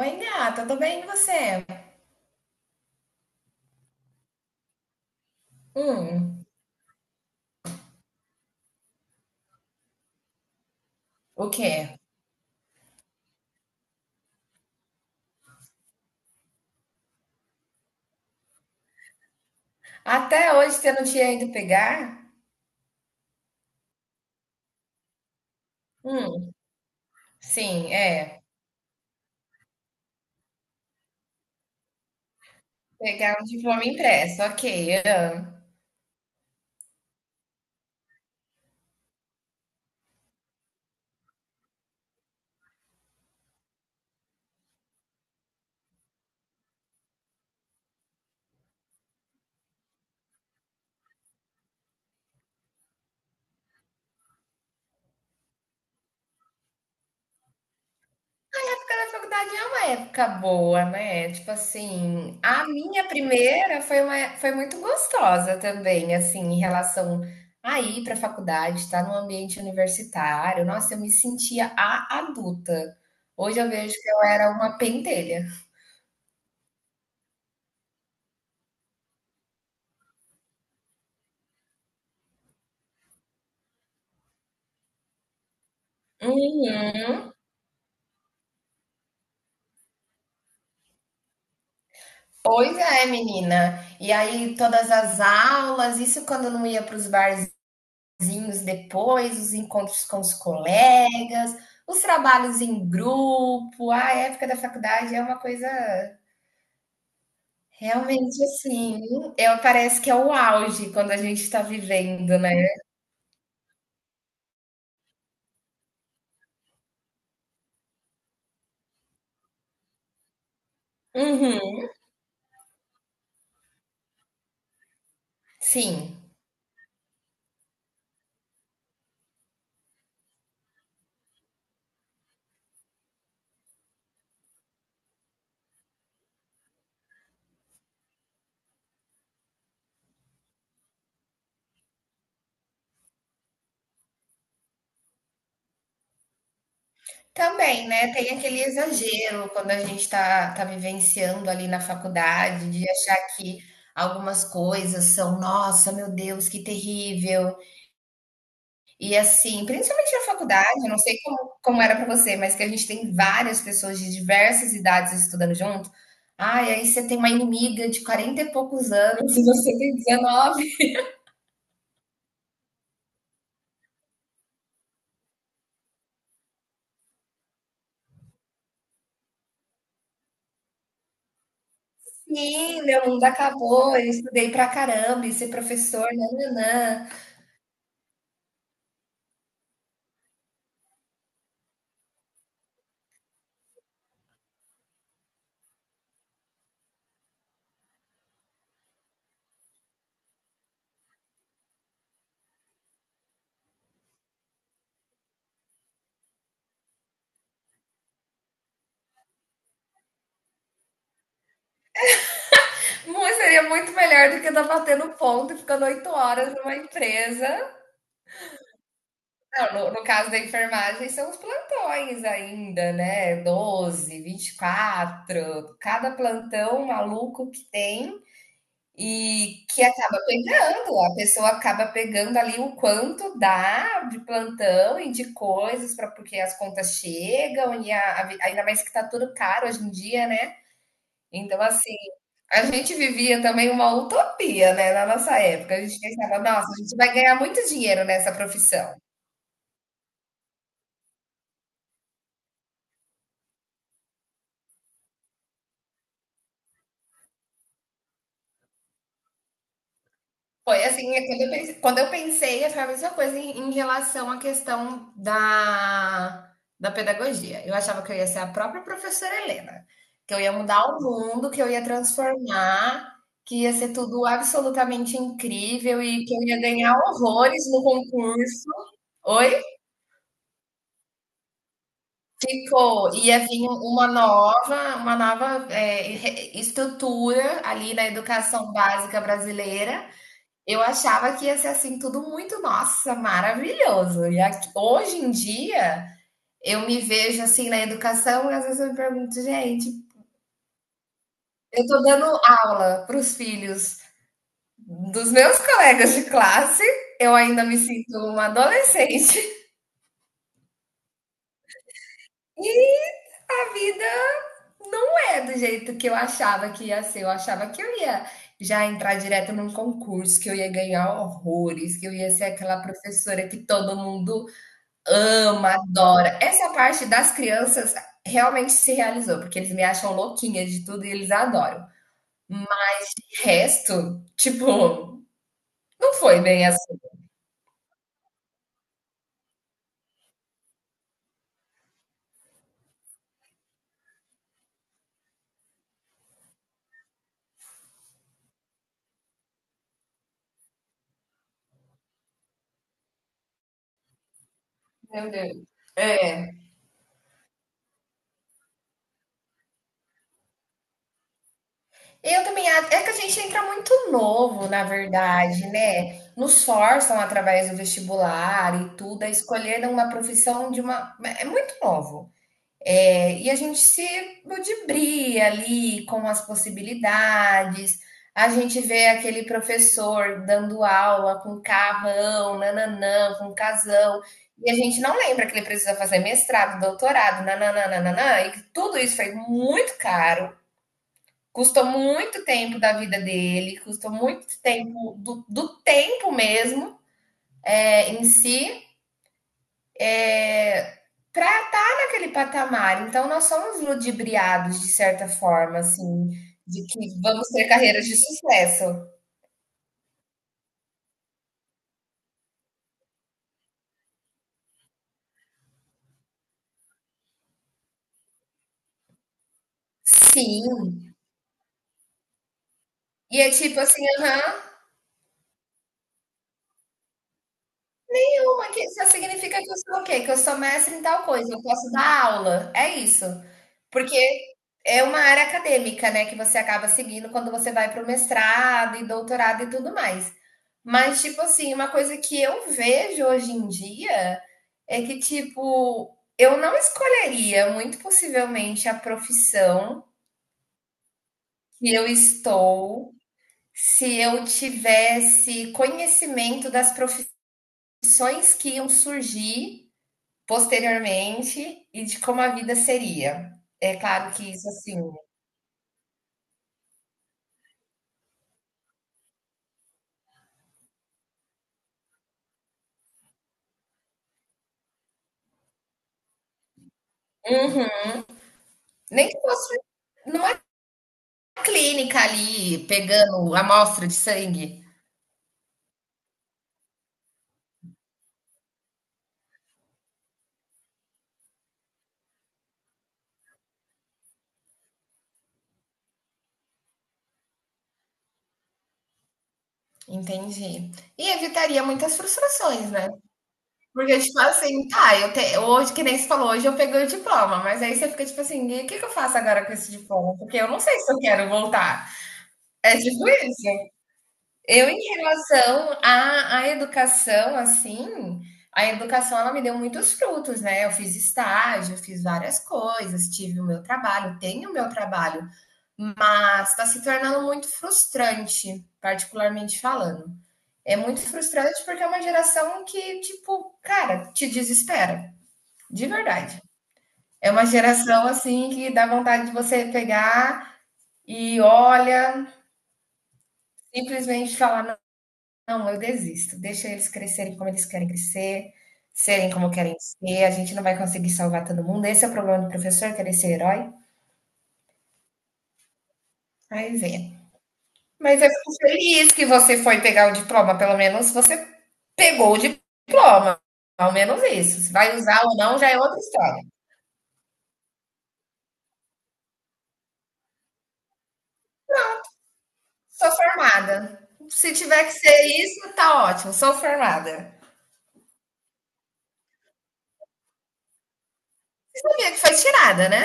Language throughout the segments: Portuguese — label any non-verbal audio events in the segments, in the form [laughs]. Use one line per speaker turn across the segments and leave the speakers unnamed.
Oi, gata, tô bem, e você? Hum, o quê? Até hoje você não tinha ido pegar? Hum, sim, é. Pegar um diploma impresso, ok. Ah. A época da faculdade é uma época boa, né? Tipo assim, a minha primeira foi, foi muito gostosa também, assim, em relação a ir pra faculdade, estar num ambiente universitário. Nossa, eu me sentia a adulta. Hoje eu vejo que eu era uma pentelha. Uhum. Pois é, menina. E aí, todas as aulas, isso quando eu não ia para os barzinhos depois, os encontros com os colegas, os trabalhos em grupo, a época da faculdade é uma coisa realmente assim. Eu, parece que é o auge quando a gente está vivendo, né? Uhum. Sim. Também, né, tem aquele exagero quando a gente está tá vivenciando ali na faculdade, de achar que algumas coisas são: "Nossa, meu Deus, que terrível". E assim, principalmente na faculdade, eu não sei como era para você, mas que a gente tem várias pessoas de diversas idades estudando junto. Ai, aí você tem uma inimiga de 40 e poucos anos e você tem 19. "Sim, meu mundo acabou, eu estudei pra caramba e ser professor, nã-nã-nã". Muito- seria muito melhor do que estar batendo ponto e ficando oito horas numa empresa. Não, no caso da enfermagem, são os plantões ainda, né? Doze vinte e quatro, cada plantão maluco que tem e que acaba pegando. A pessoa acaba pegando ali o quanto dá de plantão e de coisas, para porque as contas chegam, e a vi- ainda mais que tá tudo caro hoje em dia, né? Então, assim, a gente vivia também uma utopia, né, na nossa época. A gente pensava: "Nossa, a gente vai ganhar muito dinheiro nessa profissão". Foi assim, é quando eu pensei, foi a mesma coisa em relação à questão da pedagogia. Eu achava que eu ia ser a própria professora Helena, que eu ia mudar o mundo, que eu ia transformar, que ia ser tudo absolutamente incrível e que eu ia ganhar horrores no concurso. Oi? Pô, ia vir uma nova é, re- estrutura ali na educação básica brasileira. Eu achava que ia ser assim tudo muito, nossa, maravilhoso. E aqui- hoje em dia eu me vejo assim na educação e às vezes eu me pergunto, gente, eu tô dando aula para os filhos dos meus colegas de classe, eu ainda me sinto uma adolescente. [laughs] E a vida não é do jeito que eu achava que ia ser. Eu achava que eu ia já entrar direto num concurso, que eu ia ganhar horrores, que eu ia ser aquela professora que todo mundo ama, adora. Essa parte das crianças realmente se realizou, porque eles me acham louquinha de tudo e eles adoram. Mas o resto, tipo, não foi bem assim. Meu Deus. É. Eu também acho. É que a gente entra muito novo, na verdade, né? Nos forçam através do vestibular e tudo a escolher uma profissão de uma. É muito novo. É, e a gente se ludibria ali com as possibilidades. A gente vê aquele professor dando aula com carrão, nananã, com casão. E a gente não lembra que ele precisa fazer mestrado, doutorado, nananã, nananã, e que tudo isso foi muito caro. Custou muito tempo da vida dele, custou muito tempo do tempo mesmo é, em si é, para estar naquele patamar. Então, nós somos ludibriados de certa forma, assim, de que vamos ter carreiras de sucesso. Sim. E é tipo assim, aham, uma que só significa que eu sou o quê? Que eu sou mestre em tal coisa, eu posso dar aula. É isso. Porque é uma área acadêmica, né, que você acaba seguindo quando você vai para o mestrado e doutorado e tudo mais. Mas, tipo assim, uma coisa que eu vejo hoje em dia é que, tipo, eu não escolheria, muito possivelmente, a profissão que eu estou se eu tivesse conhecimento das profissões que iam surgir posteriormente e de como a vida seria. É claro que isso assim, uhum. Nem que fosse numa clínica ali, pegando amostra de sangue. Entendi. E evitaria muitas frustrações, né? Porque, tipo assim, tá, eu te... hoje, que nem você falou, hoje eu peguei o diploma, mas aí você fica tipo assim, e o que que eu faço agora com esse diploma? Porque eu não sei se eu quero voltar. É tipo isso. Eu em relação à educação, assim, a educação ela me deu muitos frutos, né, eu fiz estágio, fiz várias coisas, tive o meu trabalho, tenho o meu trabalho, mas está se tornando muito frustrante, particularmente falando. É muito frustrante porque é uma geração que, tipo, cara, te desespera, de verdade. É uma geração, assim, que dá vontade de você pegar e olha, simplesmente falar: não, eu desisto. Deixa eles crescerem como eles querem crescer, serem como querem ser. A gente não vai conseguir salvar todo mundo. Esse é o problema do professor, querer ser herói. Aí vem. Mas eu fico feliz que você foi pegar o diploma. Pelo menos você pegou o diploma. Ao menos isso. Se vai usar ou não, já é outra história. Sou formada. Se tiver que ser isso, tá ótimo. Sou formada. Sabia que foi tirada, né?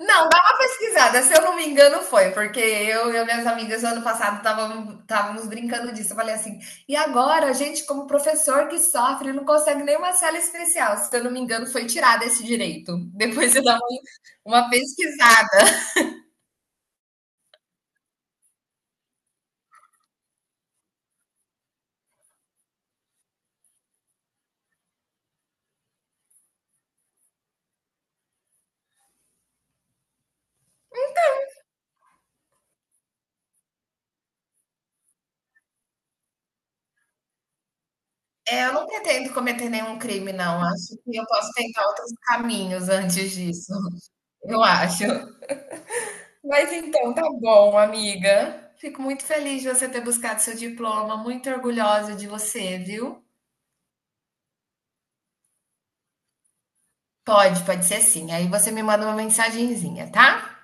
Não, dá uma pesquisada. Se eu não me engano, foi, porque eu e minhas amigas ano passado estávamos brincando disso. Eu falei assim, e agora a gente, como professor que sofre, não consegue nenhuma sala especial. Se eu não me engano, foi tirado esse direito. Depois eu dava uma pesquisada. É, eu não pretendo cometer nenhum crime, não. Acho que eu posso tentar outros caminhos antes disso. Eu acho. Mas então, tá bom, amiga. Fico muito feliz de você ter buscado seu diploma, muito orgulhosa de você, viu? Pode, pode ser sim. Aí você me manda uma mensagenzinha, tá?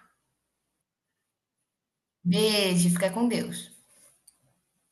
Beijo, fica com Deus.